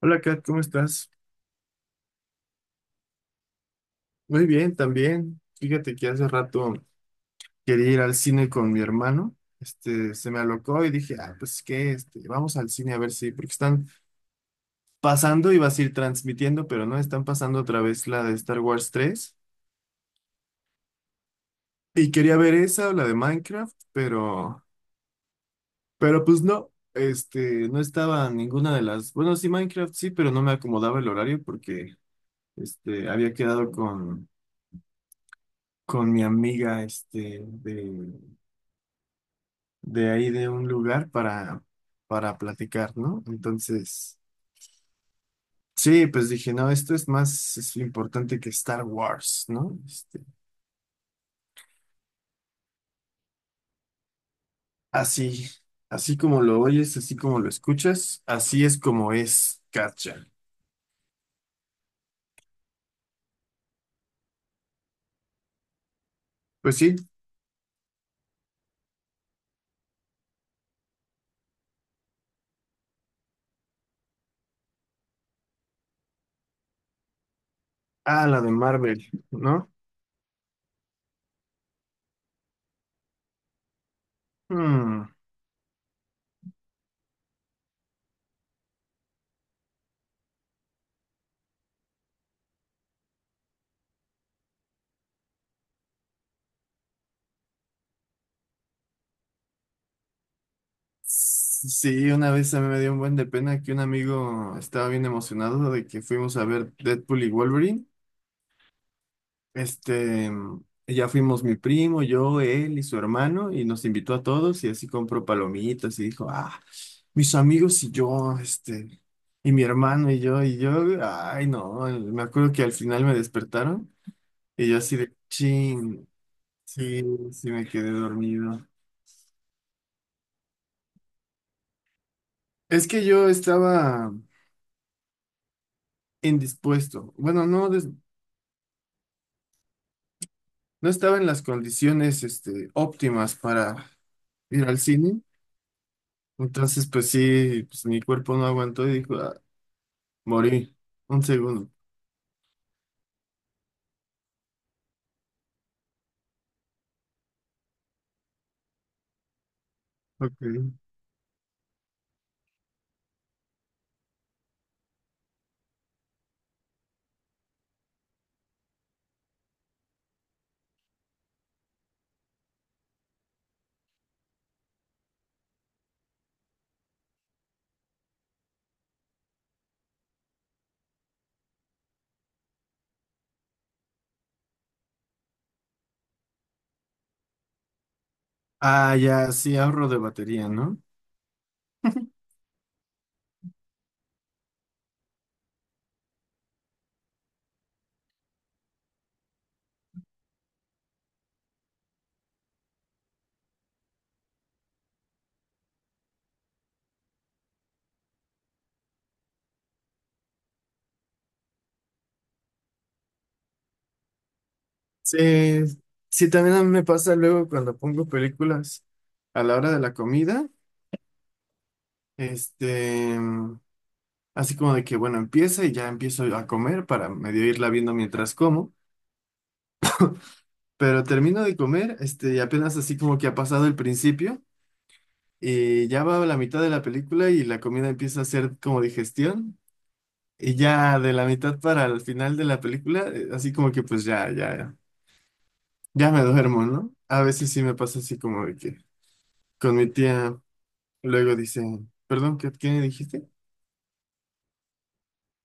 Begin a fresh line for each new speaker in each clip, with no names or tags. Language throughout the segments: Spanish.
Hola Kat, ¿cómo estás? Muy bien, también. Fíjate que hace rato quería ir al cine con mi hermano. Se me alocó y dije, ah, pues qué, vamos al cine a ver si, porque están pasando, iba a ir transmitiendo, pero no, están pasando otra vez la de Star Wars tres. Y quería ver esa o la de Minecraft, pero pues no, no estaba ninguna de las, bueno, sí, Minecraft sí, pero no me acomodaba el horario porque, había quedado con mi amiga, de ahí de un lugar para platicar, ¿no? Entonces, sí, pues dije, no, esto es más es importante que Star Wars, ¿no? Así, así como lo oyes, así como lo escuchas, así es como es, Katja. Pues sí, ah, la de Marvel, ¿no? Hmm. Sí, una vez a mí me dio un buen de pena que un amigo estaba bien emocionado de que fuimos a ver Deadpool y Wolverine. Este, ya fuimos mi primo, yo, él y su hermano, y nos invitó a todos, y así compró palomitas, y dijo, ah, mis amigos y yo, y mi hermano y yo, ay, no, me acuerdo que al final me despertaron, y yo así de, ching, sí, sí me quedé dormido. Es que yo estaba indispuesto, bueno, no, no estaba en las condiciones, óptimas para ir al cine, entonces, pues sí, pues mi cuerpo no aguantó y dijo, "Ah, morí. Un segundo." Ok. Ah, ya, sí, ahorro de batería, ¿no? Sí, sí, también a mí me pasa luego cuando pongo películas a la hora de la comida, este, así como de que, bueno, empieza y ya empiezo a comer para medio irla viendo mientras como, pero termino de comer, y apenas así como que ha pasado el principio y ya va a la mitad de la película y la comida empieza a hacer como digestión y ya de la mitad para el final de la película, así como que pues ya, ya. Ya me duermo, ¿no? A veces sí me pasa así como de que con mi tía luego dice, perdón, ¿qué dijiste?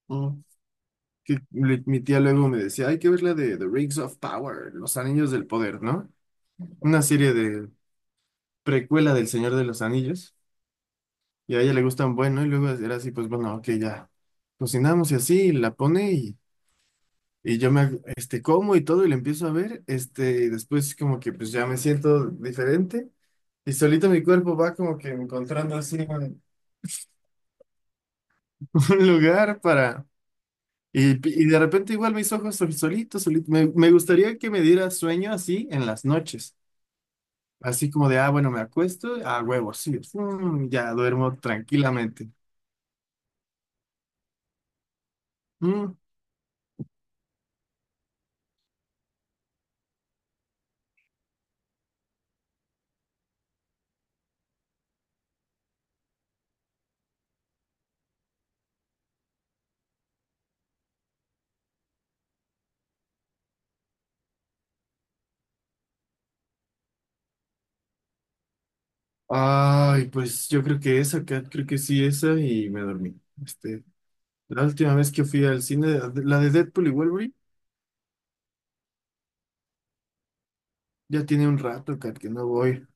Mm, mi tía luego me decía, hay que ver la de The Rings of Power, Los Anillos del Poder, ¿no? Una serie de precuela del Señor de los Anillos. Y a ella le gustan, bueno, y luego era así, pues bueno, ok, ya cocinamos y así, y la pone y yo me, como y todo y la empiezo a ver, y después como que pues ya me siento diferente. Y solito mi cuerpo va como que encontrando así, ¿no? un lugar para... Y, y de repente igual mis ojos solitos, solitos. Me gustaría que me diera sueño así en las noches. Así como de, ah, bueno, me acuesto, ah, huevo, sí, mm, ya duermo tranquilamente. Mm. Ay, pues yo creo que esa, creo que sí, esa, y me dormí. Este, la última vez que fui al cine, la de Deadpool y Wolverine, ya tiene un rato, Kat, que no voy.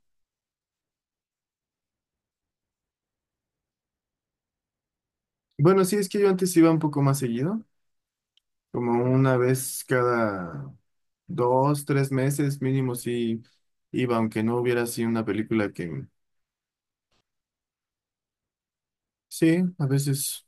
Bueno, sí, es que yo antes iba un poco más seguido. Como una vez cada dos, tres meses mínimo sí iba, aunque no hubiera así una película que... Sí, a veces.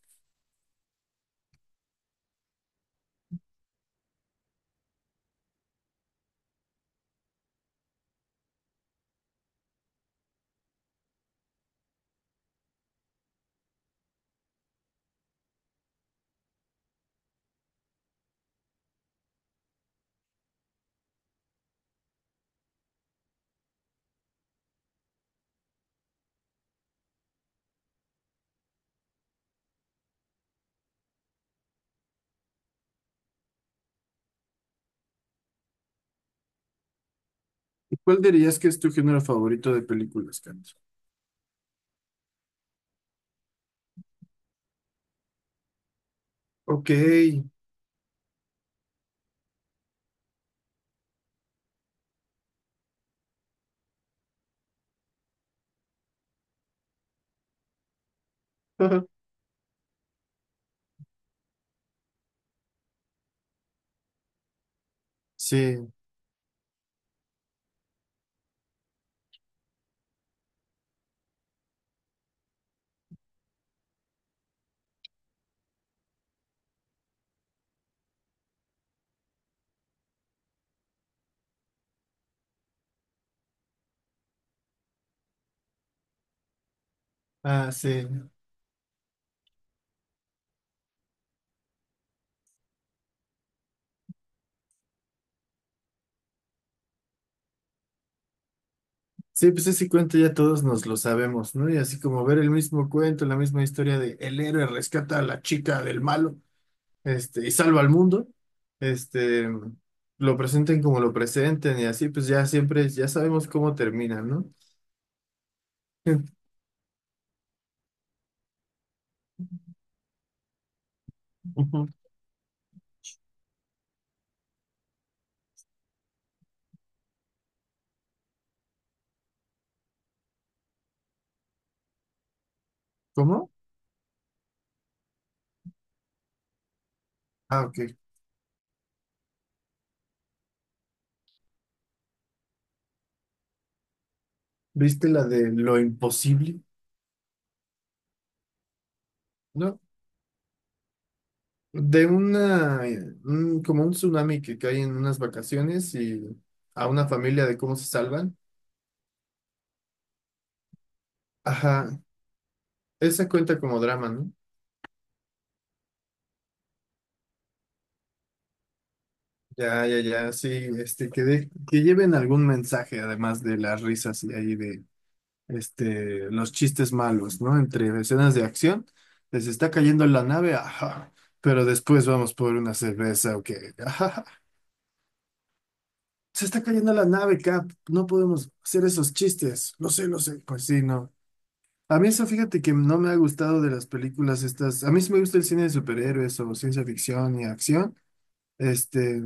¿Y cuál dirías que es tu género favorito de películas, Carlos? Ok. Sí, ah, sí. Sí, pues ese cuento ya todos nos lo sabemos, ¿no? Y así como ver el mismo cuento, la misma historia de el héroe rescata a la chica del malo. Y salva al mundo, este, lo presenten como lo presenten y así, pues ya siempre, ya sabemos cómo termina, ¿no? Ent- Ujú. ¿Cómo? Ah, ok. ¿Viste la de lo imposible? ¿No? De una, como un tsunami que cae en unas vacaciones y a una familia de cómo se salvan. Ajá, esa cuenta como drama, ¿no? Ya, ya, ya, sí, que lleven algún mensaje además de las risas y ahí los chistes malos, ¿no? Entre escenas de acción, les está cayendo la nave, ajá, pero después vamos por una cerveza, ok, ajá, se está cayendo la nave, Cap, no podemos hacer esos chistes, lo sé, pues sí, no. A mí eso, fíjate que no me ha gustado de las películas estas, a mí sí me gusta el cine de superhéroes o ciencia ficción y acción, este,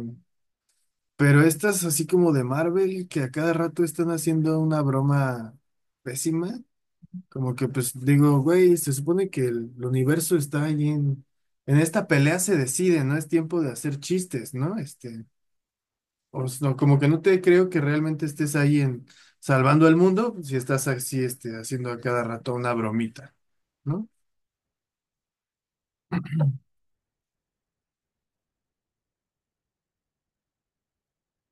pero estas así como de Marvel, que a cada rato están haciendo una broma pésima. Como que pues digo, güey, se supone que el universo está ahí en esta pelea se decide, no es tiempo de hacer chistes, ¿no? No, como que no te creo que realmente estés ahí en salvando el mundo si estás así, haciendo a cada rato una bromita, ¿no?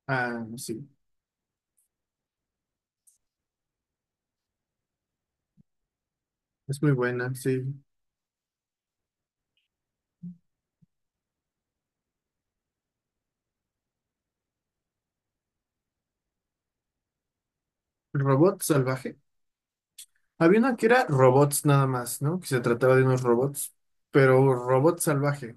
Ah, sí, es muy buena, sí. Robot salvaje. Había una que era robots nada más, ¿no? Que se trataba de unos robots, pero robot salvaje.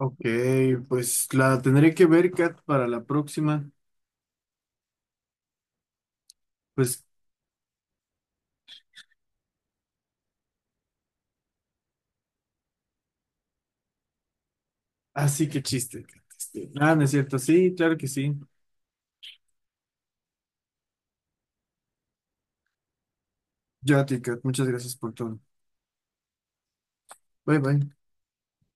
Ok, pues la tendré que ver, Kat, para la próxima. Pues así que chiste. Kat, ah, no es cierto. Sí, claro que sí. Yo a ti, Kat. Muchas gracias por todo. Bye, bye.